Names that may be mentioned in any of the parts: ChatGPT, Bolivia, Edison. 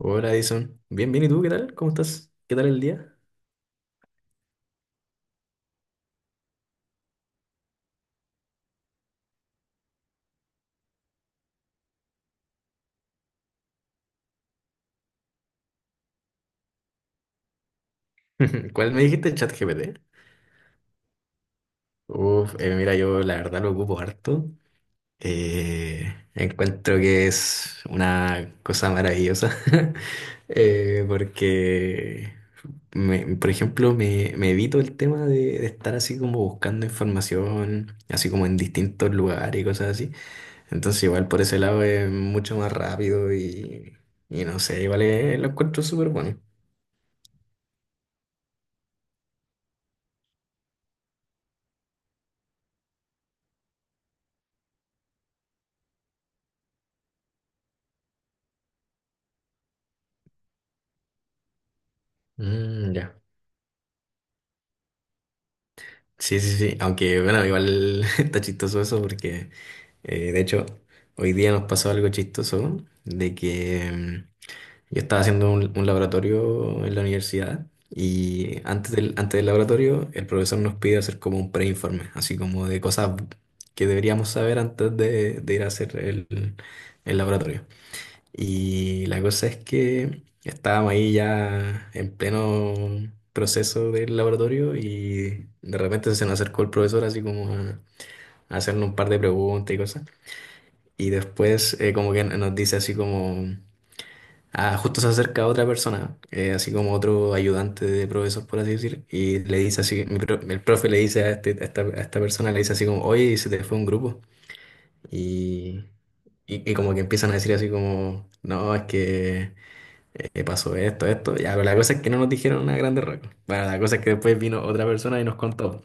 Hola, Edison. Bien, bien, ¿y tú qué tal? ¿Cómo estás? ¿Qué tal el día? ¿Cuál me dijiste? ChatGPT. Uf, mira, yo la verdad lo ocupo harto. Eh, Encuentro que es una cosa maravillosa. Porque, por ejemplo, me evito el tema de estar así como buscando información, así como en distintos lugares y cosas así. Entonces, igual por ese lado es mucho más rápido y no sé, lo encuentro súper bueno. Mm, ya. Sí, sí, sí. Aunque, bueno, igual está chistoso eso porque, de hecho, hoy día nos pasó algo chistoso de que yo estaba haciendo un laboratorio en la universidad y antes del laboratorio el profesor nos pide hacer como un preinforme, así como de cosas que deberíamos saber de ir a hacer el laboratorio. Y la cosa es que estábamos ahí ya en pleno proceso del laboratorio y de repente se nos acercó el profesor así como a hacernos un par de preguntas y cosas. Y después como que nos dice así como, ah, justo se acerca otra persona, así como otro ayudante de profesor, por así decir, y le dice así, el profe le dice a, a esta persona, le dice así como, oye, se te fue un grupo. Y, y como que empiezan a decir así como, no, es que pasó esto, esto. Ya, pero la cosa es que no nos dijeron una grande roca. Bueno, la cosa es que después vino otra persona y nos contó.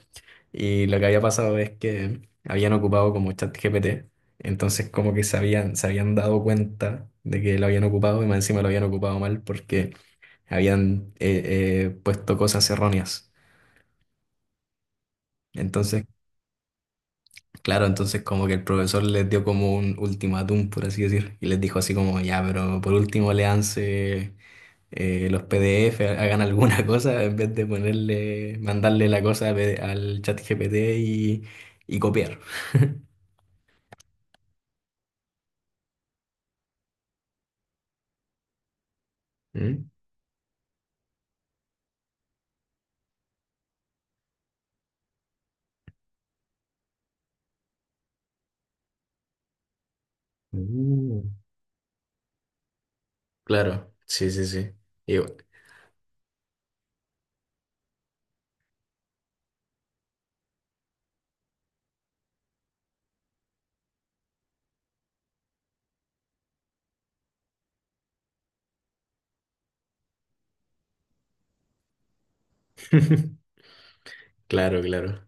Y lo que había pasado es que habían ocupado como ChatGPT. Entonces, como que se habían dado cuenta de que lo habían ocupado y más encima lo habían ocupado mal porque habían puesto cosas erróneas. Entonces, claro, entonces como que el profesor les dio como un ultimátum, por así decir, y les dijo así como, ya, pero por último léanse los PDF hagan alguna cosa en vez de ponerle, mandarle la cosa a al chat GPT y copiar. ¿Mm? Uh, claro, sí, sí, sí. Igual. Claro, claro.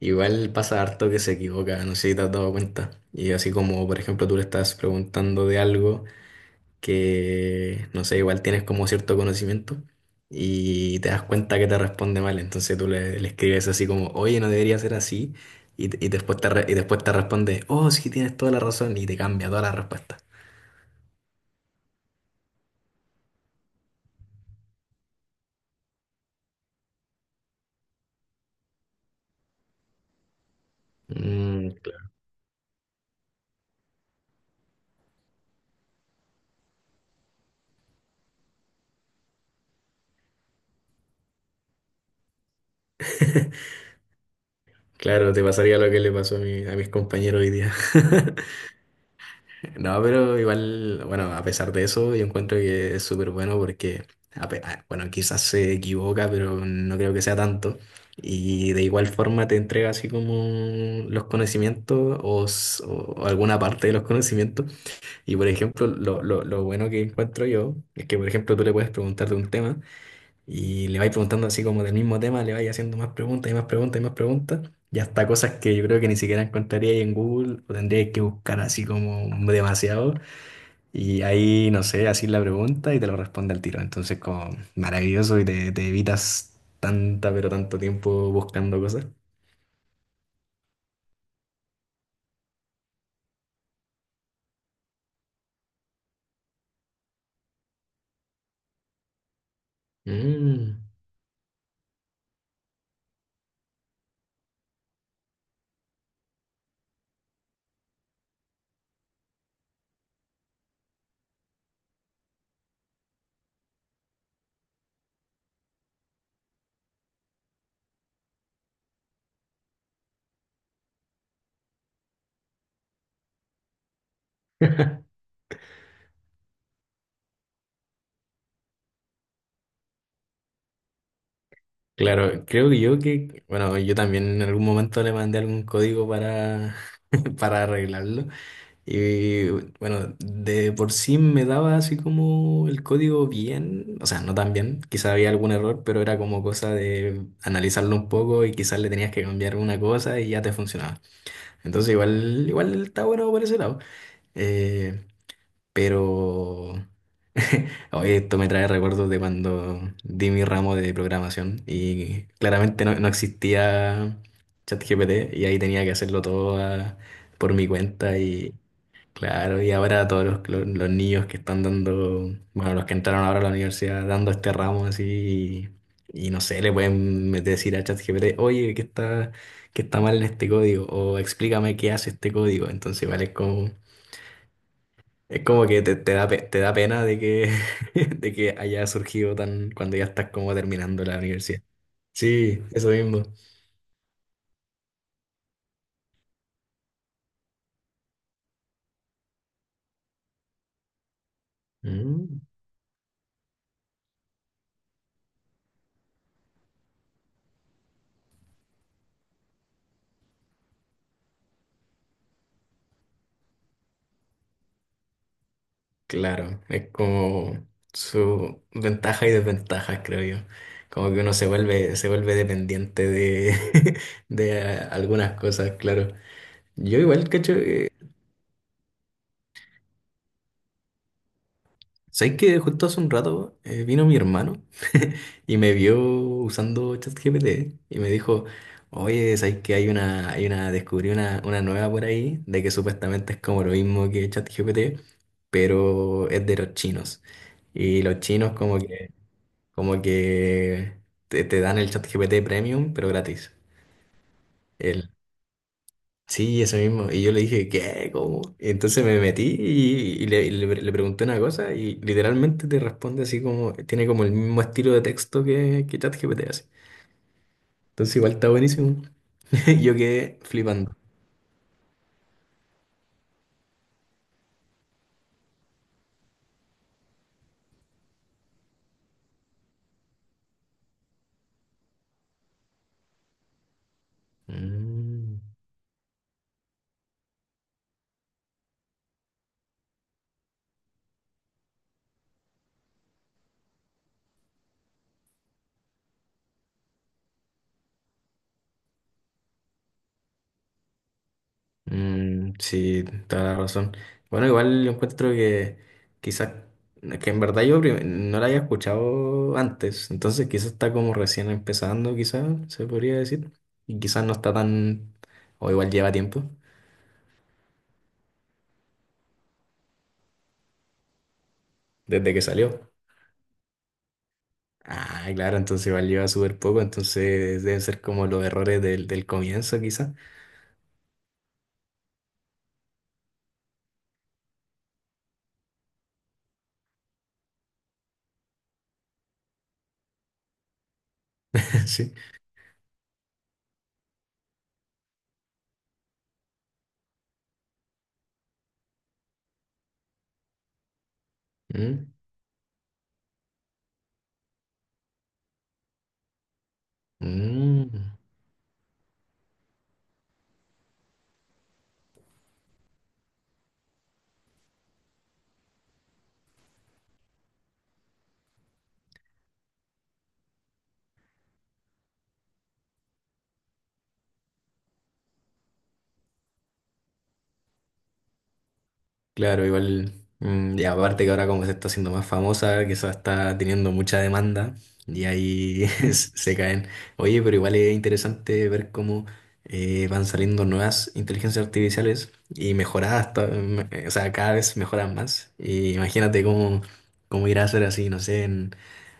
Igual pasa harto que se equivoca, no sé si te has dado cuenta. Y así como, por ejemplo, tú le estás preguntando de algo, que, no sé, igual tienes como cierto conocimiento y te das cuenta que te responde mal. Entonces tú le escribes así como, oye, no debería ser así. Y, y después te responde, oh, sí, tienes toda la razón. Y te cambia toda la respuesta. Mm, claro, te pasaría lo que le pasó a, a mis compañeros hoy día. No, pero igual, bueno, a pesar de eso, yo encuentro que es súper bueno porque, bueno, quizás se equivoca, pero no creo que sea tanto. Y de igual forma te entrega así como los conocimientos o alguna parte de los conocimientos. Y por ejemplo, lo bueno que encuentro yo es que, por ejemplo, tú le puedes preguntar de un tema y le vais preguntando así como del mismo tema, le vais haciendo más preguntas y más preguntas y más preguntas. Y hasta cosas que yo creo que ni siquiera encontraría ahí en Google o tendría que buscar así como demasiado. Y ahí, no sé, así la pregunta y te lo responde al tiro. Entonces, como maravilloso y te evitas tanta, pero tanto tiempo buscando cosas. Mm. Claro, creo que yo que, bueno, yo también en algún momento le mandé algún código para, para arreglarlo. Y bueno, de por sí me daba así como el código bien, o sea, no tan bien, quizá había algún error, pero era como cosa de analizarlo un poco y quizás le tenías que cambiar una cosa y ya te funcionaba. Entonces igual, igual está bueno por ese lado. Eh, pero oye, esto me trae recuerdos de cuando di mi ramo de programación y claramente no, no existía ChatGPT y ahí tenía que hacerlo todo por mi cuenta y claro, y ahora todos los niños que están dando, bueno, los que entraron ahora a la universidad dando este ramo así, y no sé, le pueden decir a ChatGPT, oye, qué está mal en este código? O explícame qué hace este código. Entonces, igual es como que te da, te da pena de que, de que haya surgido tan, cuando ya estás como terminando la universidad. Sí, eso mismo. Mm. Claro, es como su ventaja y desventaja, creo yo. Como que uno se vuelve dependiente de, de algunas cosas, claro. Yo igual, cacho, ¿sabes que justo hace un rato vino mi hermano y me vio usando ChatGPT y me dijo, oye, ¿sabes que hay una, descubrí una nueva por ahí de que supuestamente es como lo mismo que ChatGPT, pero es de los chinos? Y los chinos como que... Como que te dan el ChatGPT Premium, pero gratis. El, sí, eso mismo. Y yo le dije, ¿qué? ¿Cómo? Y entonces me metí y, le pregunté una cosa y literalmente te responde así como, tiene como el mismo estilo de texto que ChatGPT hace. Entonces igual está buenísimo. Yo quedé flipando. Mm. Mm, sí, toda la razón. Bueno, igual yo encuentro que quizás, que en verdad yo no la había escuchado antes, entonces quizás está como recién empezando, quizás se podría decir, y quizás no está tan, o igual lleva tiempo, desde que salió. Ah, claro, entonces igual lleva súper poco, entonces deben ser como los errores del comienzo, quizás. Sí. Mm, mm. Claro, igual, mm, y aparte que ahora como se está haciendo más famosa, que eso está teniendo mucha demanda y ahí se caen. Oye, pero igual es interesante ver cómo van saliendo nuevas inteligencias artificiales y mejoradas, o sea, cada vez mejoran más. Y imagínate cómo, cómo irá a ser así, no sé,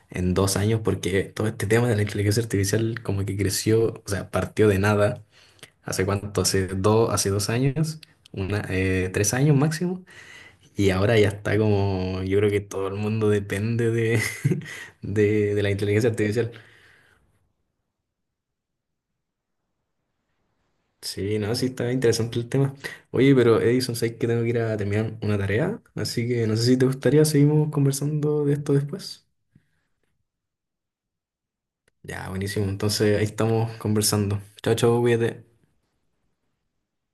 en 2 años, porque todo este tema de la inteligencia artificial como que creció, o sea, partió de nada. ¿Hace cuánto? Hace 2, hace 2 años, una, 3 años máximo. Y ahora ya está como, yo creo que todo el mundo depende de, de la inteligencia artificial. Sí, no, sí está interesante el tema. Oye, pero Edison, sabes que tengo que ir a terminar una tarea, así que no sé si te gustaría, seguimos conversando de esto después. Ya, buenísimo, entonces ahí estamos conversando. Chao, chao, cuídate.